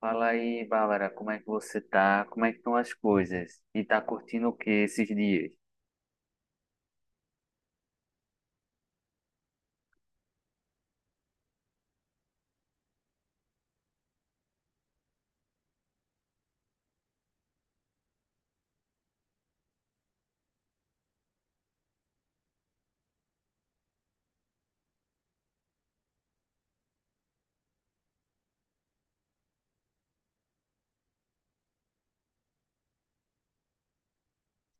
Fala aí, Bárbara, como é que você tá? Como é que estão as coisas? E tá curtindo o que esses dias?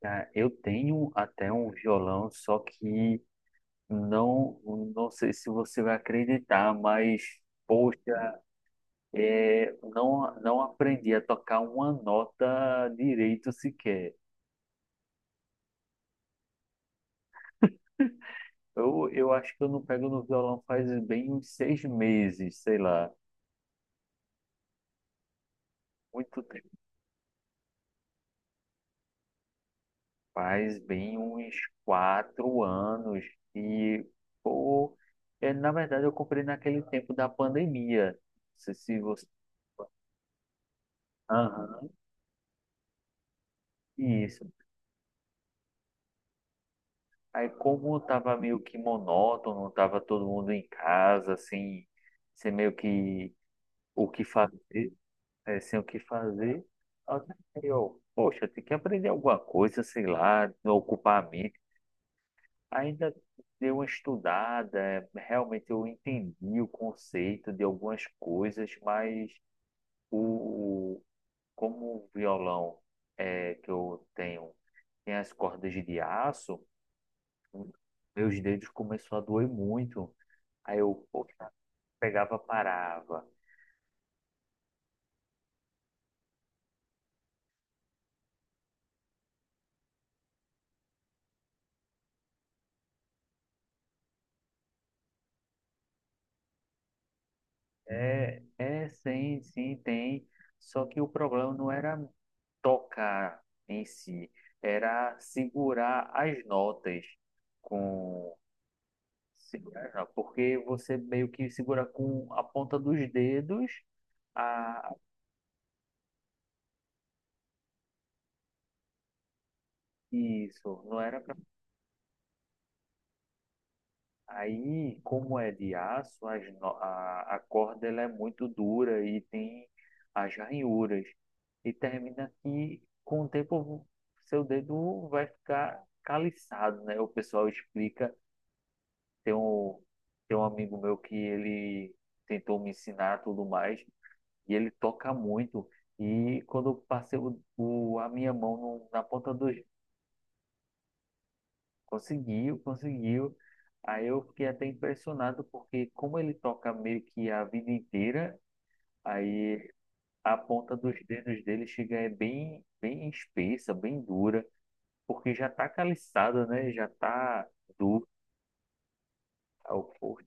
Cara, eu tenho até um violão, só que não, não sei se você vai acreditar, mas poxa, é, não, não aprendi a tocar uma nota direito sequer. Eu acho que eu não pego no violão faz bem uns 6 meses, sei lá. Muito Faz bem uns 4 anos e, pô, é, na verdade eu comprei naquele tempo da pandemia. Não sei se você... Aham, isso. Aí como tava meio que monótono, tava todo mundo em casa, assim, sem meio que o que fazer, é, sem o que fazer, aí eu, poxa, tem que aprender alguma coisa, sei lá, ocupar a mente. Ainda dei uma estudada, realmente eu entendi o conceito de algumas coisas, mas o, o- como o violão é, que eu tenho tem as cordas de aço, meus dedos começou a doer muito. Aí eu, poxa, pegava, parava. É, é, sim, sim, tem. Só que o problema não era tocar em si, era segurar as notas com... Segura não, porque você meio que segura com a ponta dos dedos. Ah, isso, não era pra... Aí, como é de aço, as no- a corda ela é muito dura e tem as ranhuras. E termina que, com o tempo, seu dedo vai ficar caliçado, né? O pessoal explica. Tem um, tem um amigo meu que ele tentou me ensinar tudo mais, e ele toca muito. E quando eu passei a minha mão na ponta dos... Conseguiu, conseguiu. Aí eu fiquei até impressionado, porque como ele toca meio que a vida inteira, aí a ponta dos dedos dele chega é bem, bem espessa, bem dura, porque já tá caliçada, né? Já tá dura. Aí eu, "Pô."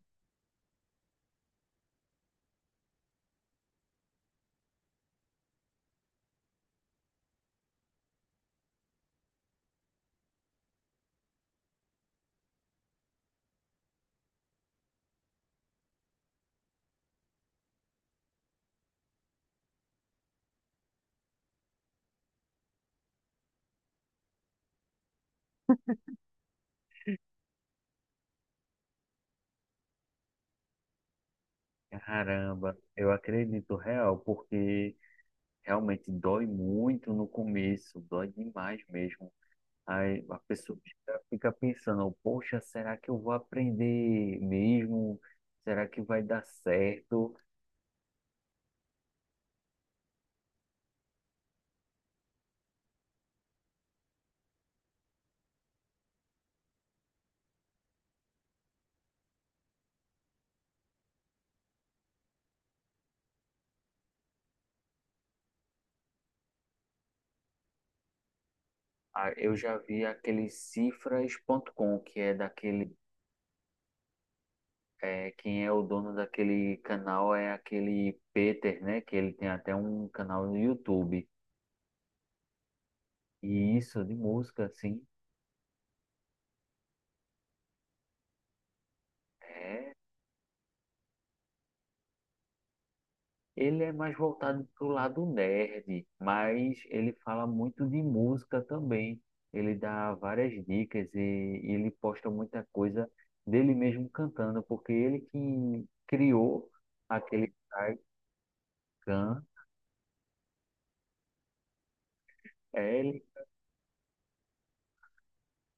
Caramba, eu acredito real, porque realmente dói muito no começo, dói demais mesmo. Aí a pessoa fica pensando, poxa, será que eu vou aprender mesmo? Será que vai dar certo? Ah, eu já vi aquele cifras.com, que é daquele, é, quem é o dono daquele canal é aquele Peter, né? Que ele tem até um canal no YouTube. E isso de música, assim, é ele é mais voltado para o lado nerd, mas ele fala muito de música também. Ele dá várias dicas e ele posta muita coisa dele mesmo cantando, porque ele que criou aquele Taikan, é ele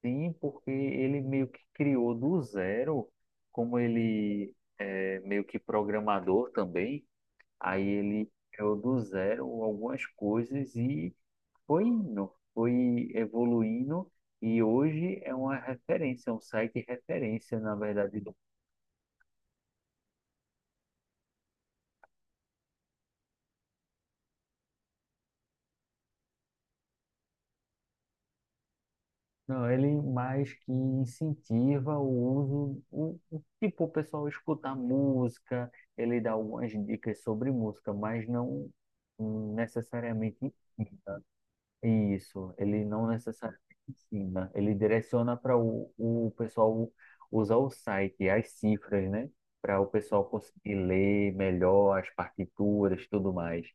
sim, porque ele meio que criou do zero, como ele é meio que programador também, aí ele criou do zero algumas coisas e foi indo, foi evoluindo e hoje é uma referência, é um site referência, na verdade. Do Não, ele mais que incentiva o uso, tipo, o pessoal escutar música, ele dá algumas dicas sobre música, mas não necessariamente ensina. Isso, ele não necessariamente ensina, ele direciona para o pessoal usar o site, as cifras, né? Para o pessoal conseguir ler melhor as partituras, tudo mais.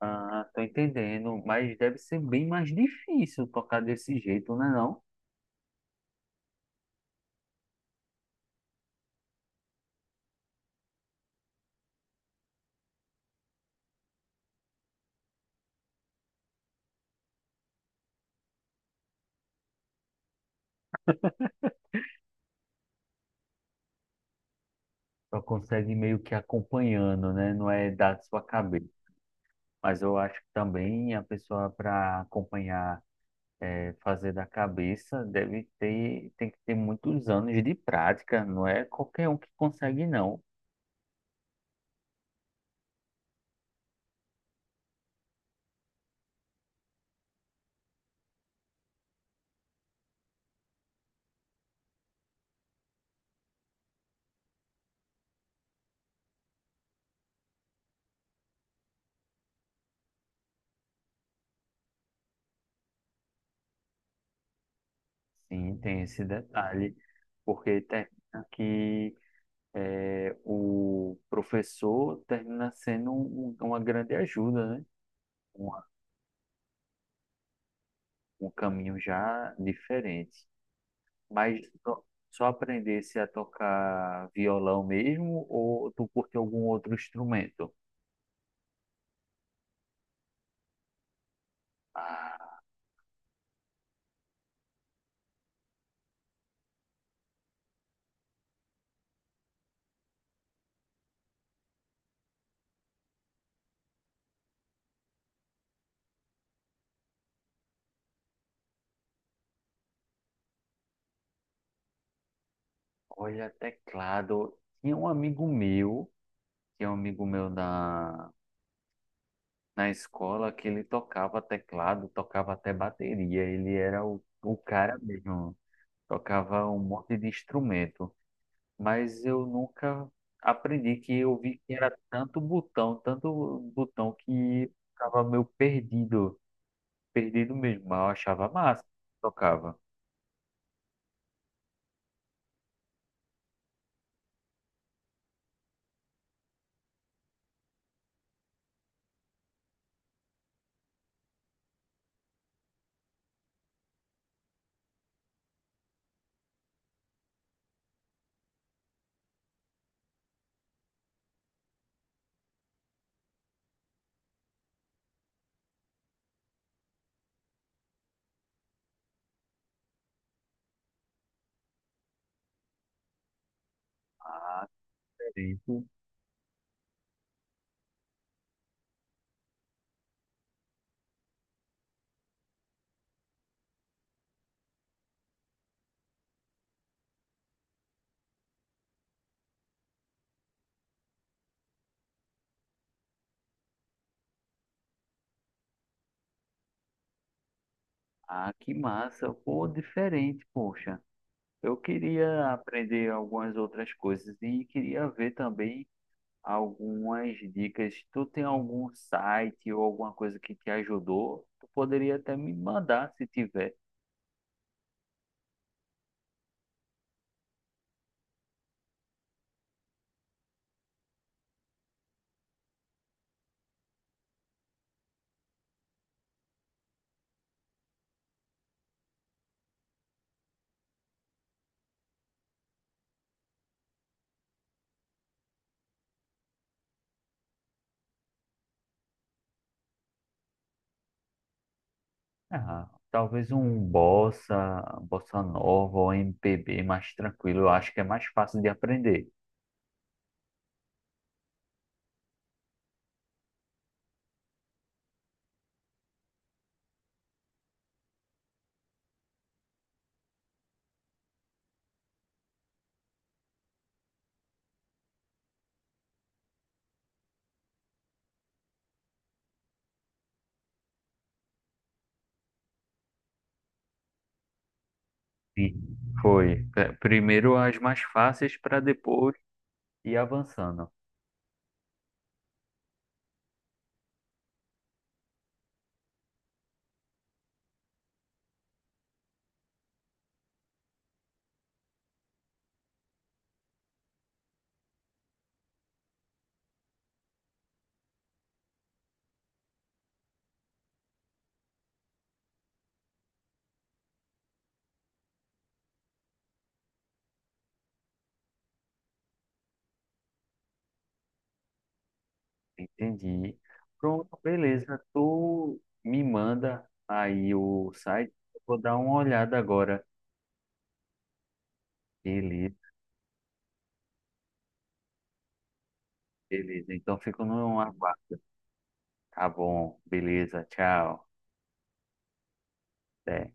Ah, tô entendendo, mas deve ser bem mais difícil tocar desse jeito, né não? Só consegue meio que acompanhando, né? Não é da sua cabeça. Mas eu acho que também a pessoa para acompanhar, fazer da cabeça deve ter, tem que ter muitos anos de prática, não é qualquer um que consegue, não. Sim, tem esse detalhe, porque termina que, o professor termina sendo uma grande ajuda, né? Um, um caminho já diferente. Mas só, só aprendesse a tocar violão mesmo, ou tu curte algum outro instrumento? Ah, olha, teclado. Tinha um amigo meu na escola que ele tocava teclado, tocava até bateria. Ele era o cara mesmo. Tocava um monte de instrumento. Mas eu nunca aprendi, que eu vi que era tanto botão que eu ficava meio perdido. Perdido mesmo. Mas eu achava massa. Tocava. Ah, diferente. Ah, que massa. Pô, diferente, poxa. Eu queria aprender algumas outras coisas e queria ver também algumas dicas. Tu tem algum site ou alguma coisa que te ajudou? Tu poderia até me mandar se tiver. Ah, talvez um bossa nova ou MPB mais tranquilo. Eu acho que é mais fácil de aprender. E foi. Primeiro as mais fáceis para depois ir avançando. Entendi. Pronto, beleza. Tu me manda aí o site. Eu vou dar uma olhada agora. Beleza, beleza. Então fico no aguardo. Tá bom, beleza, tchau. Até.